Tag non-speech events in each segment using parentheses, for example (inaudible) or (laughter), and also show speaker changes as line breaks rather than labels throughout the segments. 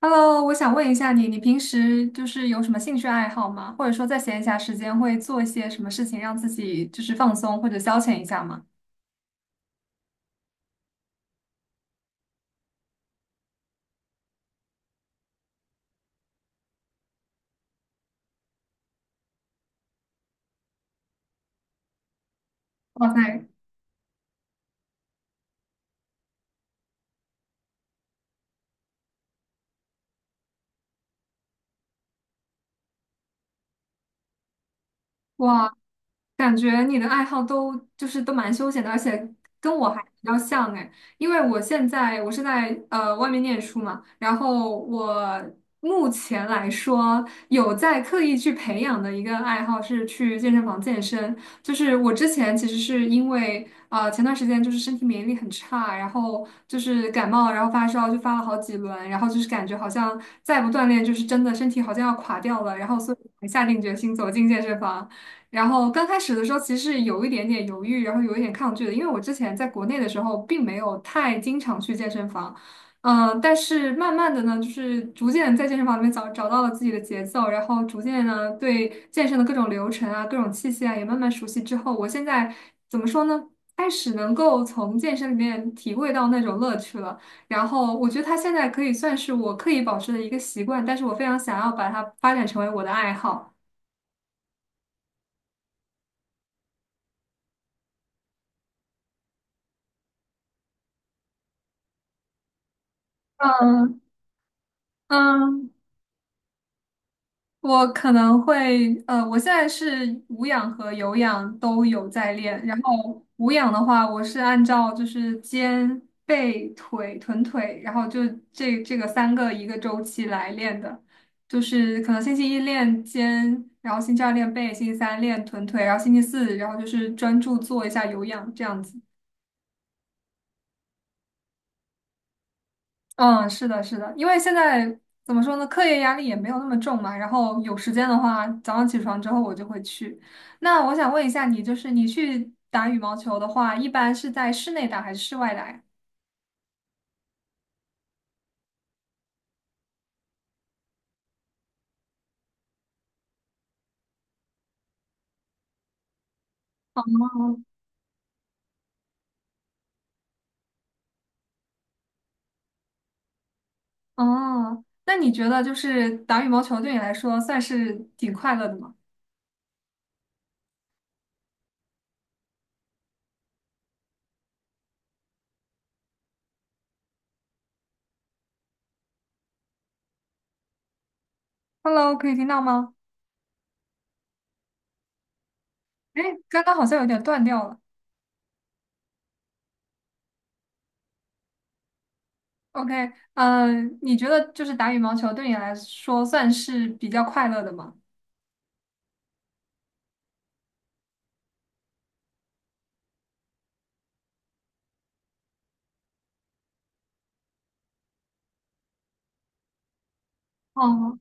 Hello,我想问一下你，你平时有什么兴趣爱好吗？或者说在闲暇时间会做一些什么事情让自己放松或者消遣一下吗？哇塞，哇，感觉你的爱好都就是都蛮休闲的，而且跟我还比较像哎。因为我现在是在外面念书嘛，然后我目前来说有在刻意去培养的一个爱好是去健身房健身。就是我之前其实是因为前段时间身体免疫力很差，然后就是感冒，然后发烧就发了好几轮，然后就是感觉好像再不锻炼真的身体好像要垮掉了，然后所以才下定决心走进健身房。然后刚开始的时候，其实是有一点点犹豫，然后有一点抗拒的，因为我之前在国内的时候，并没有太经常去健身房。但是慢慢的呢，逐渐在健身房里面找到了自己的节奏，然后逐渐呢，对健身的各种流程啊、各种器械啊，也慢慢熟悉之后，我现在怎么说呢？开始能够从健身里面体会到那种乐趣了。然后我觉得它现在可以算是我刻意保持的一个习惯，但是我非常想要把它发展成为我的爱好。嗯嗯，我可能会，我现在是无氧和有氧都有在练。然后无氧的话，我是按照肩、背、腿、臀腿，然后就这个三个一个周期来练的。就是可能星期一练肩，然后星期二练背，星期三练臀腿，然后星期四，然后就是专注做一下有氧这样子。嗯，是的，是的，因为现在怎么说呢，课业压力也没有那么重嘛。然后有时间的话，早上起床之后我就会去。那我想问一下你，你去打羽毛球的话，一般是在室内打还是室外打呀？哦，那你觉得打羽毛球对你来说算是挺快乐的吗？Hello,可以听到吗？哎，刚刚好像有点断掉了。OK,你觉得打羽毛球对你来说算是比较快乐的吗？哦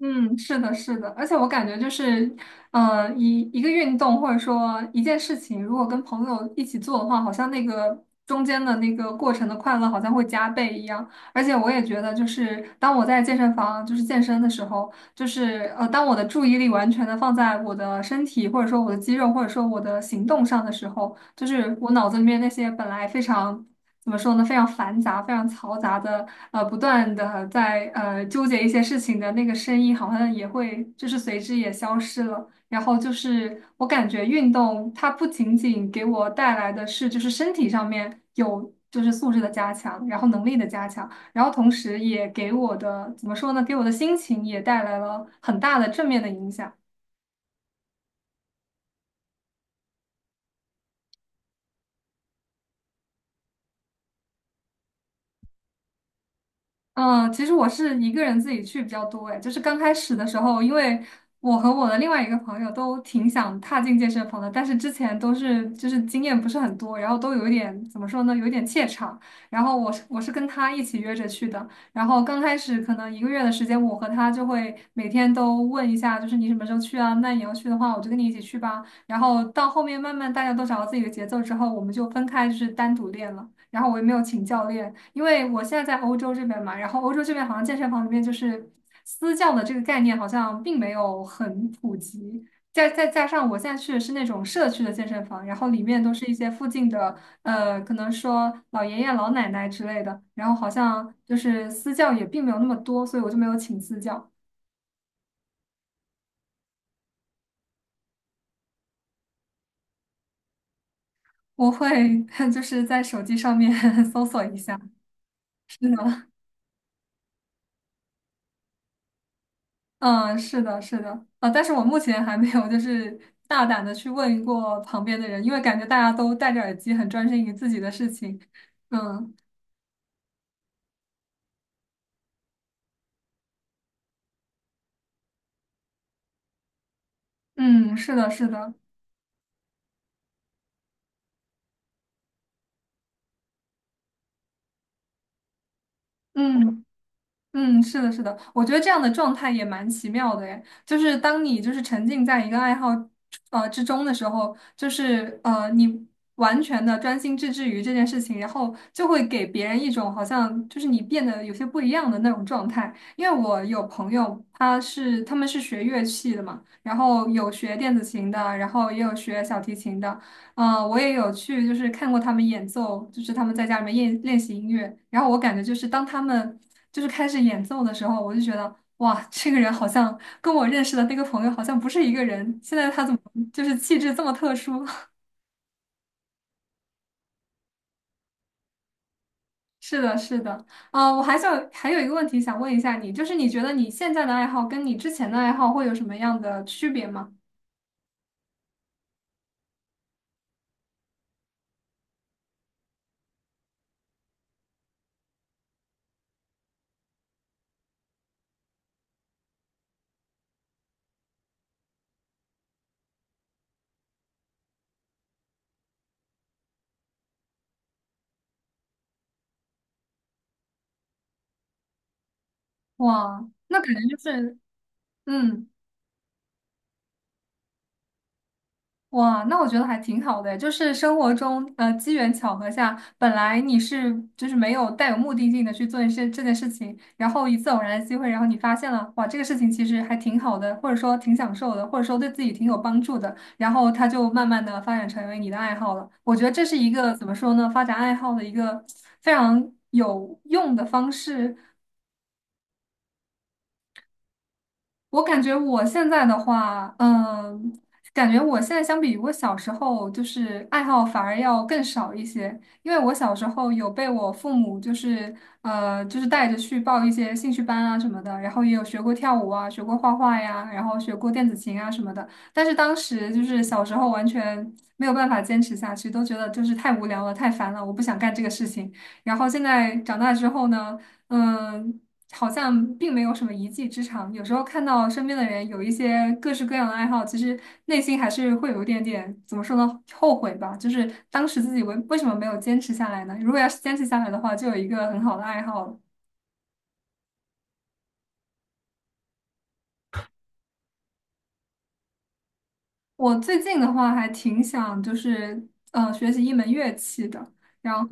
嗯，是的，是的，而且我感觉就是，一个运动或者说一件事情，如果跟朋友一起做的话，好像那个中间的那个过程的快乐好像会加倍一样。而且我也觉得，就是当我在健身房健身的时候，就是，当我的注意力完全的放在我的身体或者说我的肌肉或者说我的行动上的时候，就是我脑子里面那些本来非常怎么说呢，非常繁杂、非常嘈杂的，不断的在纠结一些事情的那个声音，好像也会随之也消失了。然后就是我感觉运动它不仅仅给我带来的是身体上面有素质的加强，然后能力的加强，然后同时也给我的怎么说呢，给我的心情也带来了很大的正面的影响。嗯，其实我是一个人自己去比较多哎。就是刚开始的时候，因为我和我的另外一个朋友都挺想踏进健身房的，但是之前都是经验不是很多，然后都有一点怎么说呢，有一点怯场。然后我是跟他一起约着去的。然后刚开始可能一个月的时间，我和他就会每天都问一下，就是你什么时候去啊？那你要去的话，我就跟你一起去吧。然后到后面慢慢大家都找到自己的节奏之后，我们就分开单独练了。然后我也没有请教练，因为我现在在欧洲这边嘛，然后欧洲这边好像健身房里面私教的这个概念好像并没有很普及，再加上我现在去的是那种社区的健身房，然后里面都是一些附近的，可能说老爷爷老奶奶之类的，然后好像私教也并没有那么多，所以我就没有请私教。我会 (laughs) 在手机上面 (laughs) 搜索一下，是吗？嗯，是的，是的。啊，但是我目前还没有大胆的去问过旁边的人，因为感觉大家都戴着耳机，很专心于自己的事情。嗯嗯，是的，是的。嗯。嗯，是的，是的，我觉得这样的状态也蛮奇妙的诶。就是当你沉浸在一个爱好之中的时候，你完全的专心致志于这件事情，然后就会给别人一种好像你变得有些不一样的那种状态。因为我有朋友，他们是学乐器的嘛，然后有学电子琴的，然后也有学小提琴的。嗯，我也有去，就是看过他们演奏，就是他们在家里面练习音乐。然后我感觉当他们开始演奏的时候，我就觉得哇，这个人好像跟我认识的那个朋友好像不是一个人。现在他怎么气质这么特殊？(laughs) 是的，是的。啊，我还想还有一个问题想问一下你，你觉得你现在的爱好跟你之前的爱好会有什么样的区别吗？哇，那感觉就是嗯。哇，那我觉得还挺好的，就是生活中，机缘巧合下，本来你是没有带有目的性的去做一些这件事情，然后一次偶然的机会，然后你发现了，哇，这个事情其实还挺好的，或者说挺享受的，或者说对自己挺有帮助的，然后它就慢慢的发展成为你的爱好了。我觉得这是一个怎么说呢，发展爱好的一个非常有用的方式。我感觉我现在的话，嗯，感觉我现在相比于我小时候，爱好反而要更少一些。因为我小时候有被我父母，就是带着去报一些兴趣班啊什么的，然后也有学过跳舞啊，学过画画呀，然后学过电子琴啊什么的。但是当时小时候完全没有办法坚持下去，都觉得太无聊了，太烦了，我不想干这个事情。然后现在长大之后呢？嗯，好像并没有什么一技之长。有时候看到身边的人有一些各式各样的爱好，其实内心还是会有一点点，怎么说呢，后悔吧。就是当时自己为什么没有坚持下来呢？如果要是坚持下来的话，就有一个很好的爱好了。我最近的话还挺想学习一门乐器的，然后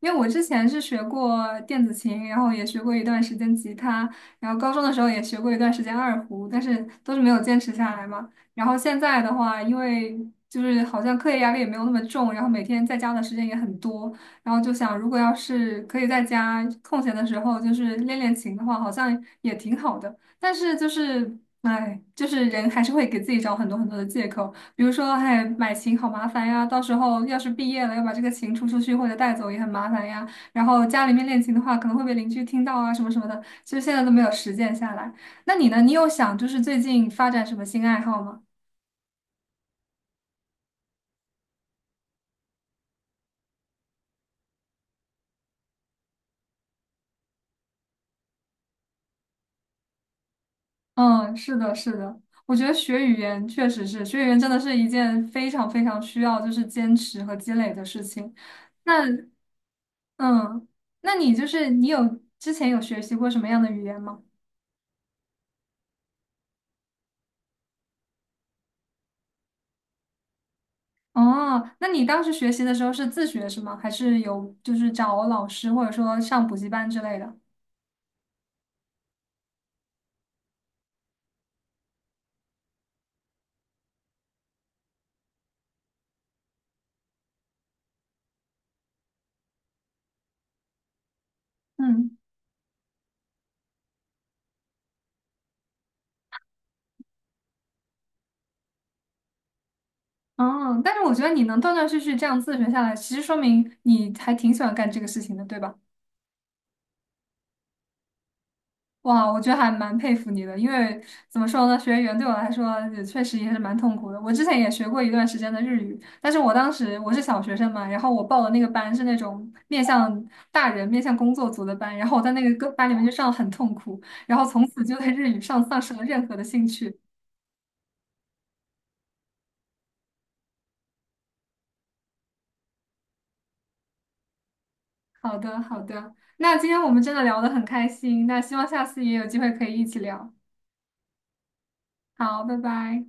因为我之前是学过电子琴，然后也学过一段时间吉他，然后高中的时候也学过一段时间二胡，但是都是没有坚持下来嘛。然后现在的话，因为好像课业压力也没有那么重，然后每天在家的时间也很多，然后就想如果要是可以在家空闲的时候练练琴的话，好像也挺好的。但是就是哎，人还是会给自己找很多很多的借口。比如说，哎，买琴好麻烦呀，到时候要是毕业了，要把这个琴出去或者带走也很麻烦呀。然后家里面练琴的话，可能会被邻居听到啊，什么什么的。其实现在都没有实践下来。那你呢？你有想最近发展什么新爱好吗？嗯，是的，是的，我觉得学语言确实是，学语言真的是一件非常非常需要坚持和积累的事情。那嗯，那你你有之前有学习过什么样的语言吗？哦，那你当时学习的时候是自学是吗？还是有找老师或者说上补习班之类的？嗯，哦，但是我觉得你能断断续续这样自学下来，其实说明你还挺喜欢干这个事情的，对吧？哇，我觉得还蛮佩服你的，因为怎么说呢，学语言对我来说也确实也是蛮痛苦的。我之前也学过一段时间的日语，但是我当时我是小学生嘛，然后我报的那个班是那种面向大人、面向工作组的班，然后我在那个班里面就上得很痛苦，然后从此就对日语上丧失了任何的兴趣。好的，好的，那今天我们真的聊得很开心，那希望下次也有机会可以一起聊。好，拜拜。